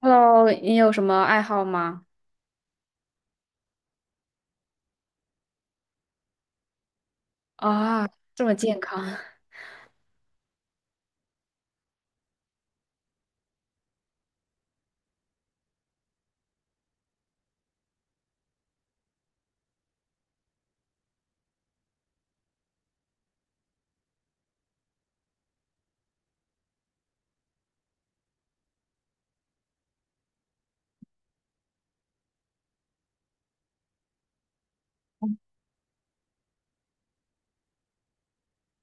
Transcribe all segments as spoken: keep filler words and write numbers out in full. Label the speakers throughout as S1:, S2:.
S1: Hello，你有什么爱好吗？啊，这么健康，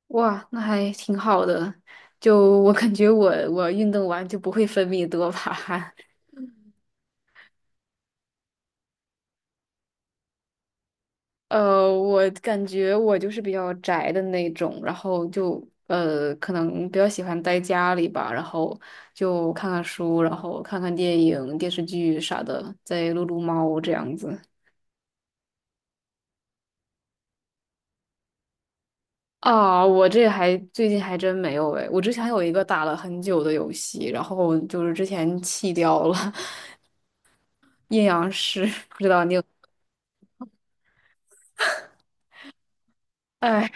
S1: 哇，那还挺好的。就我感觉我我运动完就不会分泌多巴胺。呃，我感觉我就是比较宅的那种，然后就呃可能比较喜欢待家里吧，然后就看看书，然后看看电影、电视剧啥的，再撸撸猫这样子。啊，我这还最近还真没有诶，我之前有一个打了很久的游戏，然后就是之前弃掉了。 阴阳师，不知道你有？哎，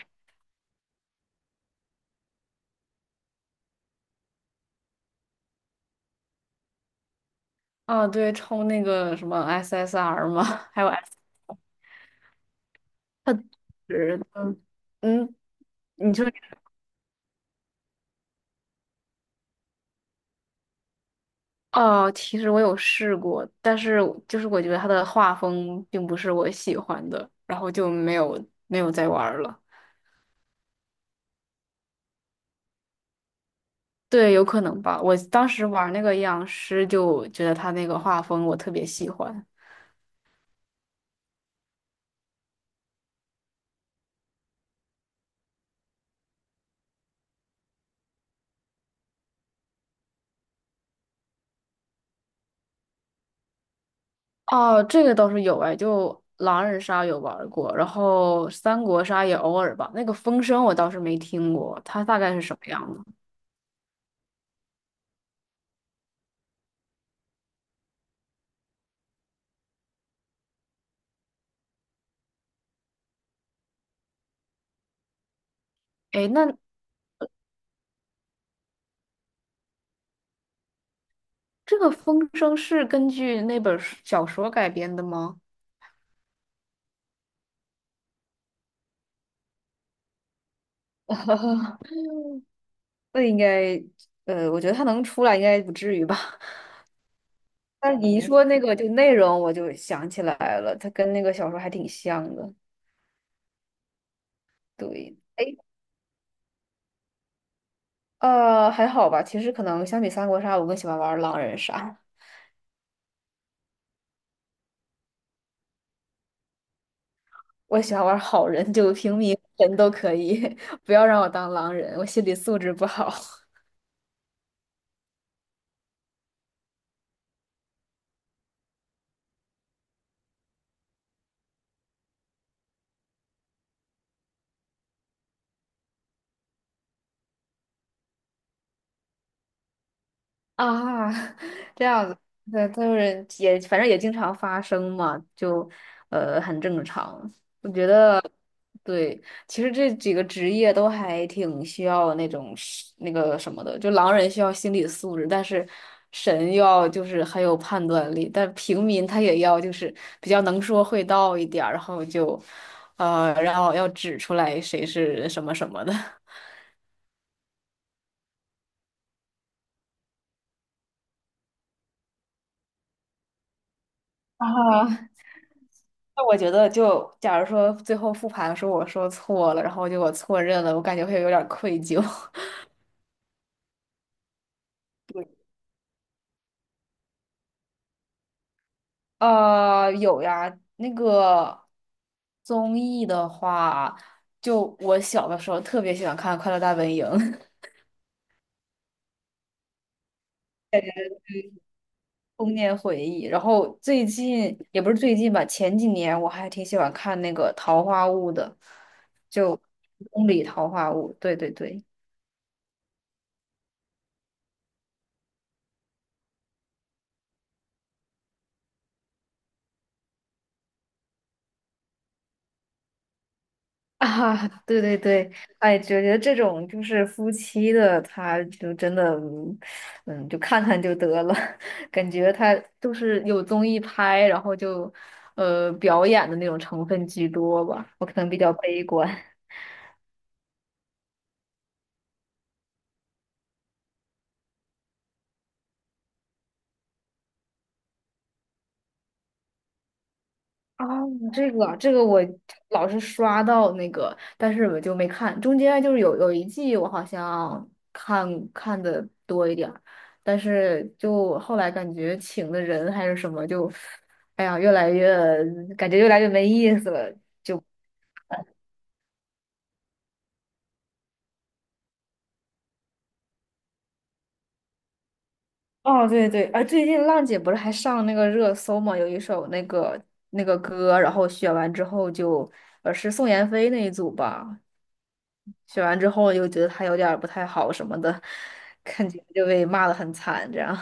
S1: 啊，对，抽那个什么 S S R 嘛，还有 S，它是嗯嗯，你说。哦，其实我有试过，但是就是我觉得它的画风并不是我喜欢的，然后就没有没有再玩儿了。对，有可能吧。我当时玩那个阴阳师，就觉得他那个画风我特别喜欢。哦，这个倒是有哎，就狼人杀有玩儿过，然后三国杀也偶尔吧。那个风声我倒是没听过，它大概是什么样的？哎，那这个风声是根据那本儿书小说改编的吗？那应该，呃，我觉得它能出来应该不至于吧。但是你一说那个就内容，我就想起来了，它跟那个小说还挺像的。对，哎，呃，还好吧。其实可能相比三国杀，我更喜欢玩狼人杀。我喜欢玩好人，就平民人都可以，不要让我当狼人，我心理素质不好。啊，这样子。对，就是也反正也经常发生嘛，就呃很正常。我觉得，对，其实这几个职业都还挺需要那种是那个什么的，就狼人需要心理素质，但是神要就是很有判断力，但平民他也要就是比较能说会道一点儿，然后就呃，然后要指出来谁是什么什么的。啊，那我觉得就假如说最后复盘说我说错了，然后就我错认了，我感觉会有点儿愧疚。对，呃，有呀，那个综艺的话，就我小的时候特别喜欢看《快乐大本营》。童年回忆，然后最近也不是最近吧，前几年我还挺喜欢看那个《桃花坞》的，就宫里桃花坞，对对对。啊，对对对，哎，觉得这种就是夫妻的，他就真的，嗯，嗯就看看就得了。感觉他就是有综艺拍，然后就，呃，表演的那种成分居多吧，我可能比较悲观。啊，这个这个我老是刷到那个，但是我就没看。中间就是有有一季我好像看看的多一点儿，但是就后来感觉请的人还是什么就，哎呀，越来越感觉越来越没意思了。哦，对对，啊，最近浪姐不是还上那个热搜嘛，有一首那个那个歌，然后选完之后就呃是宋妍霏那一组吧，选完之后又觉得他有点儿不太好什么的，看见就被骂的很惨，这样。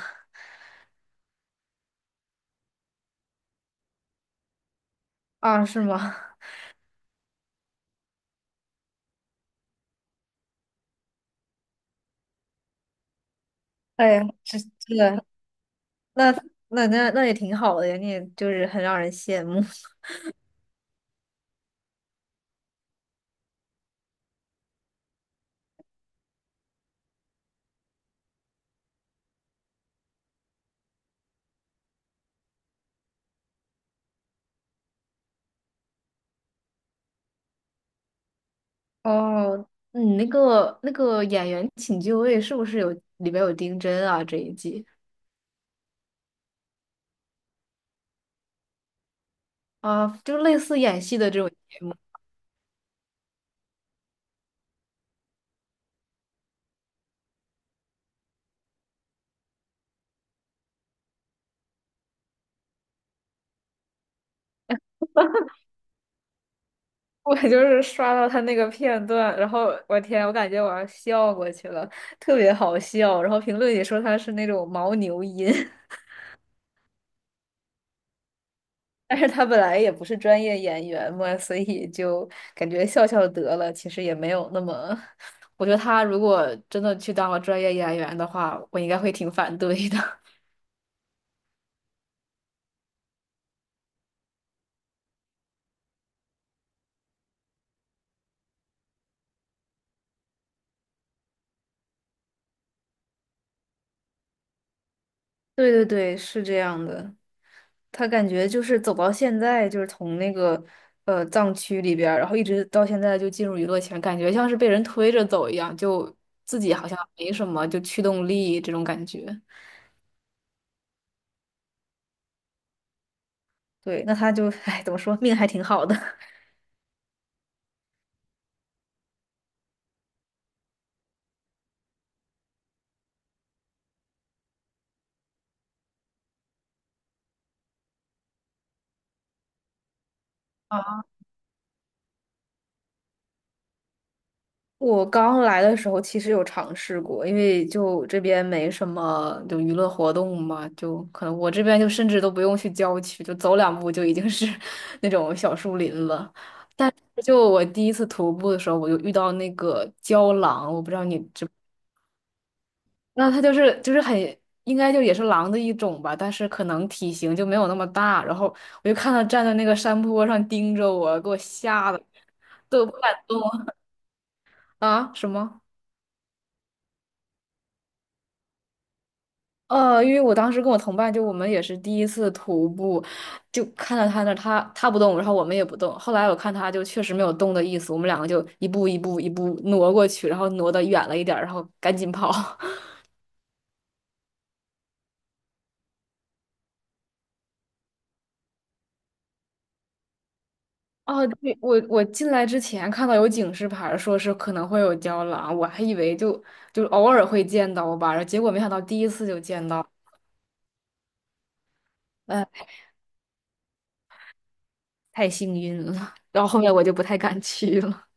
S1: 啊，是吗？哎呀，这这个那那那那也挺好的呀，你也就是很让人羡慕。 哦。你那个那个演员请就位是不是有里边有丁真啊这一季啊，就类似演戏的这种节目。我就是刷到他那个片段，然后我天，我感觉我要笑过去了，特别好笑。然后评论里说他是那种牦牛音。但是他本来也不是专业演员嘛，所以就感觉笑笑得了，其实也没有那么。我觉得他如果真的去当了专业演员的话，我应该会挺反对的。对对对，是这样的。他感觉就是走到现在，就是从那个呃藏区里边儿，然后一直到现在就进入娱乐圈，感觉像是被人推着走一样，就自己好像没什么就驱动力这种感觉。对，那他就，哎，怎么说，命还挺好的。啊。我刚来的时候其实有尝试过，因为就这边没什么就娱乐活动嘛，就可能我这边就甚至都不用去郊区，就走两步就已经是 那种小树林了。但是就我第一次徒步的时候，我就遇到那个郊狼，我不知道你知，那它就是就是很应该就也是狼的一种吧，但是可能体型就没有那么大。然后我就看它站在那个山坡上盯着我，给我吓得都不敢动。啊！什么？呃，因为我当时跟我同伴，就我们也是第一次徒步，就看到他那儿，他他不动，然后我们也不动。后来我看他就确实没有动的意思，我们两个就一步一步一步挪过去，然后挪的远了一点儿，然后赶紧跑。哦，对，我我进来之前看到有警示牌儿，说是可能会有郊狼，我还以为就就偶尔会见到吧，然后结果没想到第一次就见到，呃，太幸运了。然后后面我就不太敢去了。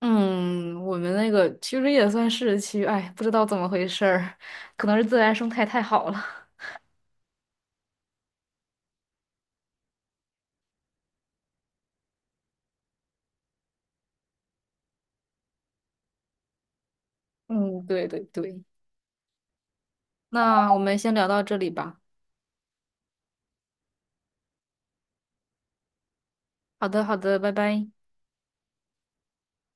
S1: 嗯，我们那个其实也算市区，哎，不知道怎么回事儿，可能是自然生态太好了。嗯，对对对，那我们先聊到这里吧。好的，好的，拜拜。